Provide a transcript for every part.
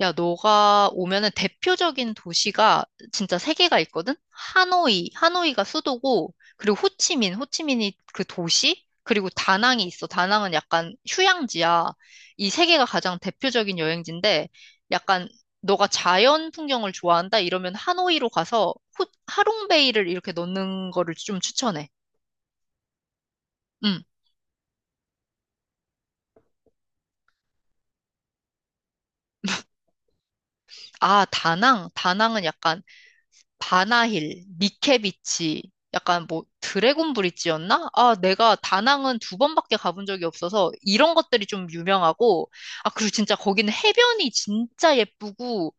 야, 너가 오면은 대표적인 도시가 진짜 세 개가 있거든? 하노이, 하노이가 수도고, 그리고 호치민, 호치민이 그 도시, 그리고 다낭이 있어. 다낭은 약간 휴양지야. 이 세 개가 가장 대표적인 여행지인데, 약간 너가 자연 풍경을 좋아한다? 이러면 하노이로 가서 하롱베이를 이렇게 넣는 거를 좀 추천해. 음. 아, 다낭. 다낭은 약간 바나힐, 니케비치, 약간 뭐 드래곤 브릿지였나? 아, 내가 다낭은 두 번밖에 가본 적이 없어서 이런 것들이 좀 유명하고, 아, 그리고 진짜 거기는 해변이 진짜 예쁘고,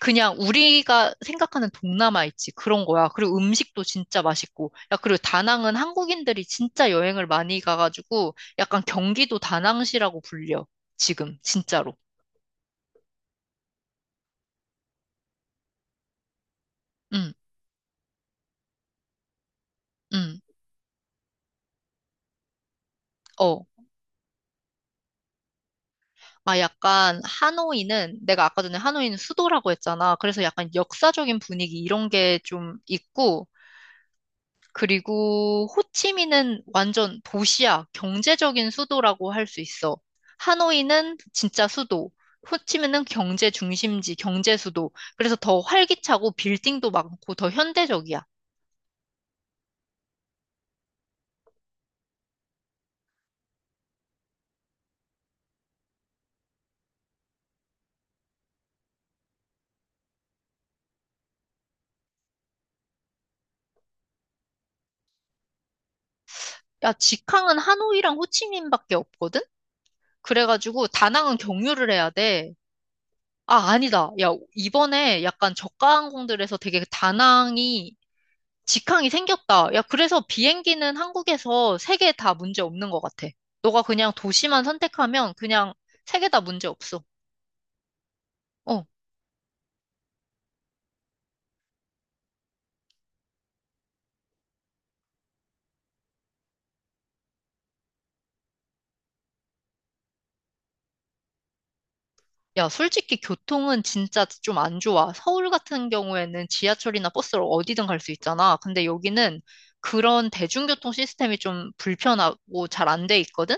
그냥 우리가 생각하는 동남아 있지, 그런 거야. 그리고 음식도 진짜 맛있고, 야, 그리고 다낭은 한국인들이 진짜 여행을 많이 가가지고, 약간 경기도 다낭시라고 불려, 지금, 진짜로. 응, 응, 어. 아, 약간 하노이는 내가 아까 전에 하노이는 수도라고 했잖아. 그래서 약간 역사적인 분위기 이런 게 좀 있고, 그리고 호치민은 완전 도시야. 경제적인 수도라고 할 수 있어. 하노이는 진짜 수도. 호치민은 경제 중심지, 경제 수도. 그래서 더 활기차고 빌딩도 많고 더 현대적이야. 야, 직항은 하노이랑 호치민밖에 없거든? 그래가지고 다낭은 경유를 해야 돼. 아, 아니다. 야, 이번에 약간 저가 항공들에서 되게 다낭이, 직항이 생겼다. 야, 그래서 비행기는 한국에서 세 개 다 문제 없는 것 같아. 너가 그냥 도시만 선택하면 그냥 세 개 다 문제 없어. 어. 야, 솔직히 교통은 진짜 좀 안 좋아. 서울 같은 경우에는 지하철이나 버스로 어디든 갈 수 있잖아. 근데 여기는 그런 대중교통 시스템이 좀 불편하고 잘 안 돼 있거든?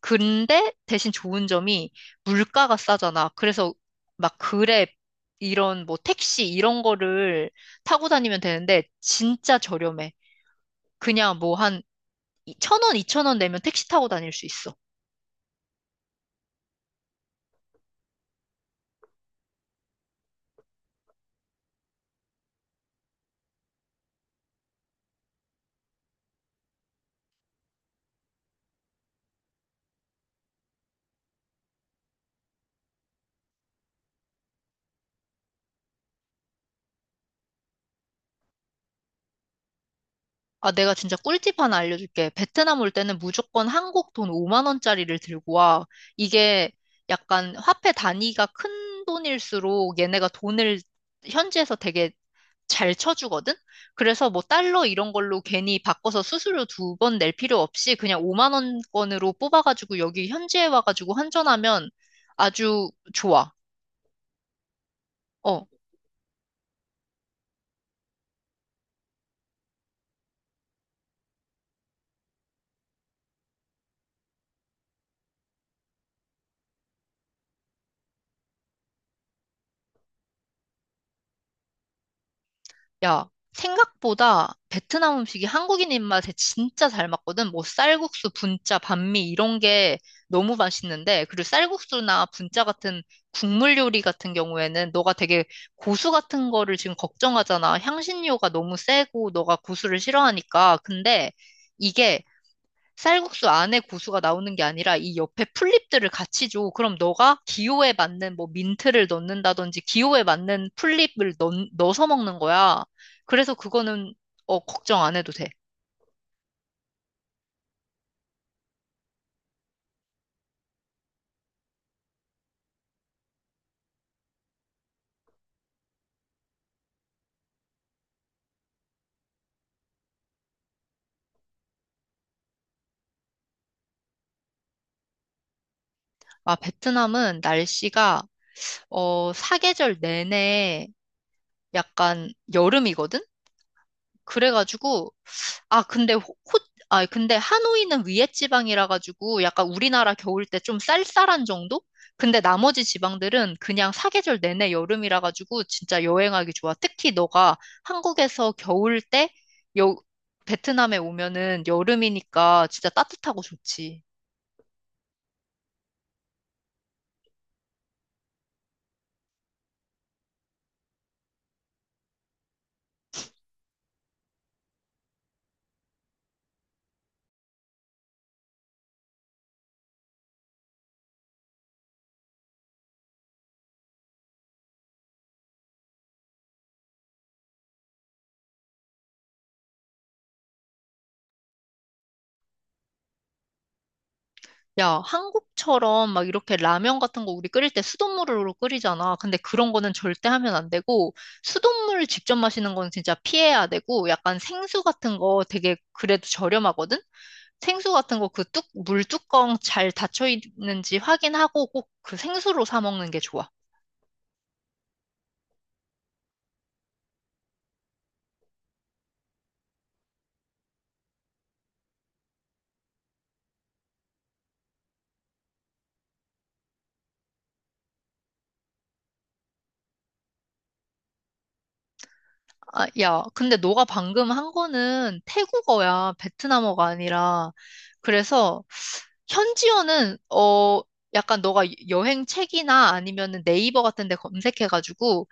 근데 대신 좋은 점이 물가가 싸잖아. 그래서 막 그랩 이런 뭐 택시 이런 거를 타고 다니면 되는데 진짜 저렴해. 그냥 뭐 한 천 원, 이천 원 내면 택시 타고 다닐 수 있어. 아, 내가 진짜 꿀팁 하나 알려줄게. 베트남 올 때는 무조건 한국 돈 5만 원짜리를 들고 와. 이게 약간 화폐 단위가 큰 돈일수록 얘네가 돈을 현지에서 되게 잘 쳐주거든? 그래서 뭐 달러 이런 걸로 괜히 바꿔서 수수료 두 번 낼 필요 없이 그냥 5만 원권으로 뽑아가지고 여기 현지에 와가지고 환전하면 아주 좋아. 어. 야, 생각보다 베트남 음식이 한국인 입맛에 진짜 잘 맞거든. 뭐 쌀국수, 분짜, 반미 이런 게 너무 맛있는데, 그리고 쌀국수나 분짜 같은 국물 요리 같은 경우에는 너가 되게 고수 같은 거를 지금 걱정하잖아. 향신료가 너무 세고 너가 고수를 싫어하니까. 근데 이게 쌀국수 안에 고수가 나오는 게 아니라 이 옆에 풀잎들을 같이 줘. 그럼 너가 기호에 맞는 뭐 민트를 넣는다든지 기호에 맞는 풀잎을 넣어서 먹는 거야. 그래서 그거는 어, 걱정 안 해도 돼. 아, 베트남은 날씨가 어, 사계절 내내 약간 여름이거든? 그래가지고 아, 근데 호, 호- 아, 근데 하노이는 위에 지방이라 가지고 약간 우리나라 겨울 때 좀 쌀쌀한 정도? 근데 나머지 지방들은 그냥 사계절 내내 여름이라 가지고 진짜 여행하기 좋아. 특히 너가 한국에서 겨울 때 여, 베트남에 오면은 여름이니까 진짜 따뜻하고 좋지. 야, 한국처럼 막 이렇게 라면 같은 거 우리 끓일 때 수돗물로 끓이잖아. 근데 그런 거는 절대 하면 안 되고, 수돗물 직접 마시는 건 진짜 피해야 되고, 약간 생수 같은 거 되게 그래도 저렴하거든? 생수 같은 거 물 뚜껑 잘 닫혀 있는지 확인하고 꼭 그 생수로 사 먹는 게 좋아. 아, 야, 근데 너가 방금 한 거는 태국어야. 베트남어가 아니라. 그래서 현지어는 어 약간 너가 여행 책이나 아니면은 네이버 같은 데 검색해가지고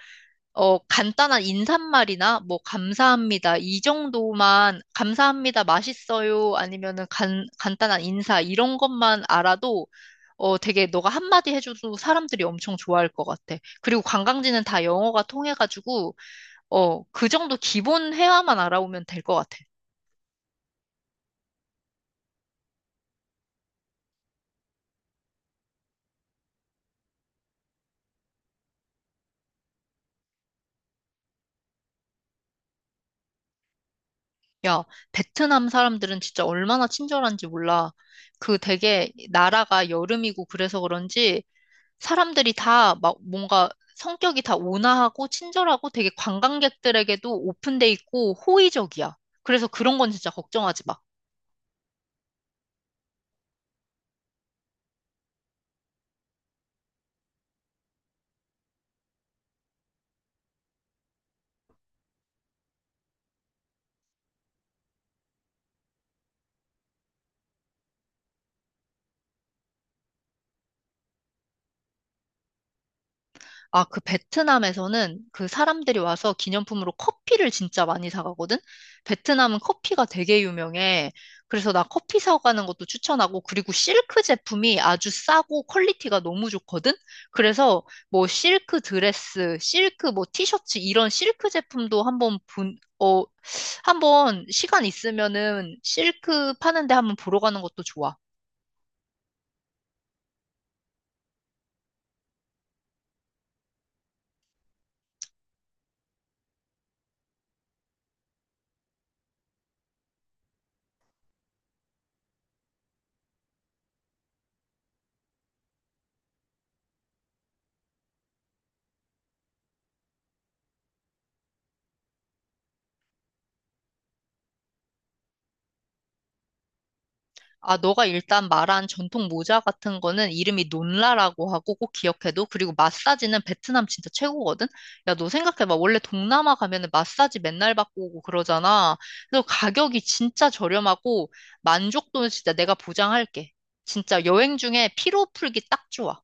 어 간단한 인사말이나 뭐 감사합니다 이 정도만 감사합니다 맛있어요 아니면은 간 간단한 인사 이런 것만 알아도 어 되게 너가 한마디 해줘도 사람들이 엄청 좋아할 것 같아. 그리고 관광지는 다 영어가 통해가지고 어, 그 정도 기본 회화만 알아오면 될 것 같아. 야, 베트남 사람들은 진짜 얼마나 친절한지 몰라. 그 되게 나라가 여름이고 그래서 그런지 사람들이 다 막 뭔가 성격이 다 온화하고 친절하고 되게 관광객들에게도 오픈돼 있고 호의적이야. 그래서 그런 건 진짜 걱정하지 마. 아, 그 베트남에서는 그 사람들이 와서 기념품으로 커피를 진짜 많이 사가거든? 베트남은 커피가 되게 유명해. 그래서 나 커피 사가는 것도 추천하고, 그리고 실크 제품이 아주 싸고 퀄리티가 너무 좋거든? 그래서 뭐 실크 드레스, 실크 뭐 티셔츠 이런 실크 제품도 한번 시간 있으면은 실크 파는데 한번 보러 가는 것도 좋아. 아, 너가 일단 말한 전통 모자 같은 거는 이름이 논라라고 하고 꼭 기억해둬. 그리고 마사지는 베트남 진짜 최고거든? 야, 너 생각해봐. 원래 동남아 가면은 마사지 맨날 받고 오고 그러잖아. 그래서 가격이 진짜 저렴하고 만족도는 진짜 내가 보장할게. 진짜 여행 중에 피로 풀기 딱 좋아.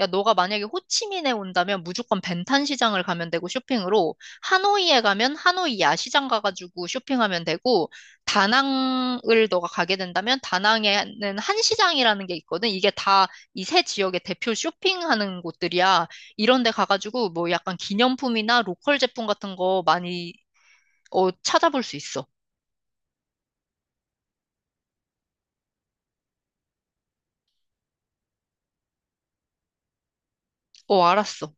야, 너가 만약에 호치민에 온다면 무조건 벤탄 시장을 가면 되고 쇼핑으로, 하노이에 가면 하노이 야시장 가가지고 쇼핑하면 되고, 다낭을 너가 가게 된다면 다낭에는 한시장이라는 게 있거든. 이게 다 이세 지역의 대표 쇼핑하는 곳들이야. 이런 데 가가지고 뭐 약간 기념품이나 로컬 제품 같은 거 많이 어, 찾아볼 수 있어. 어, 알았어.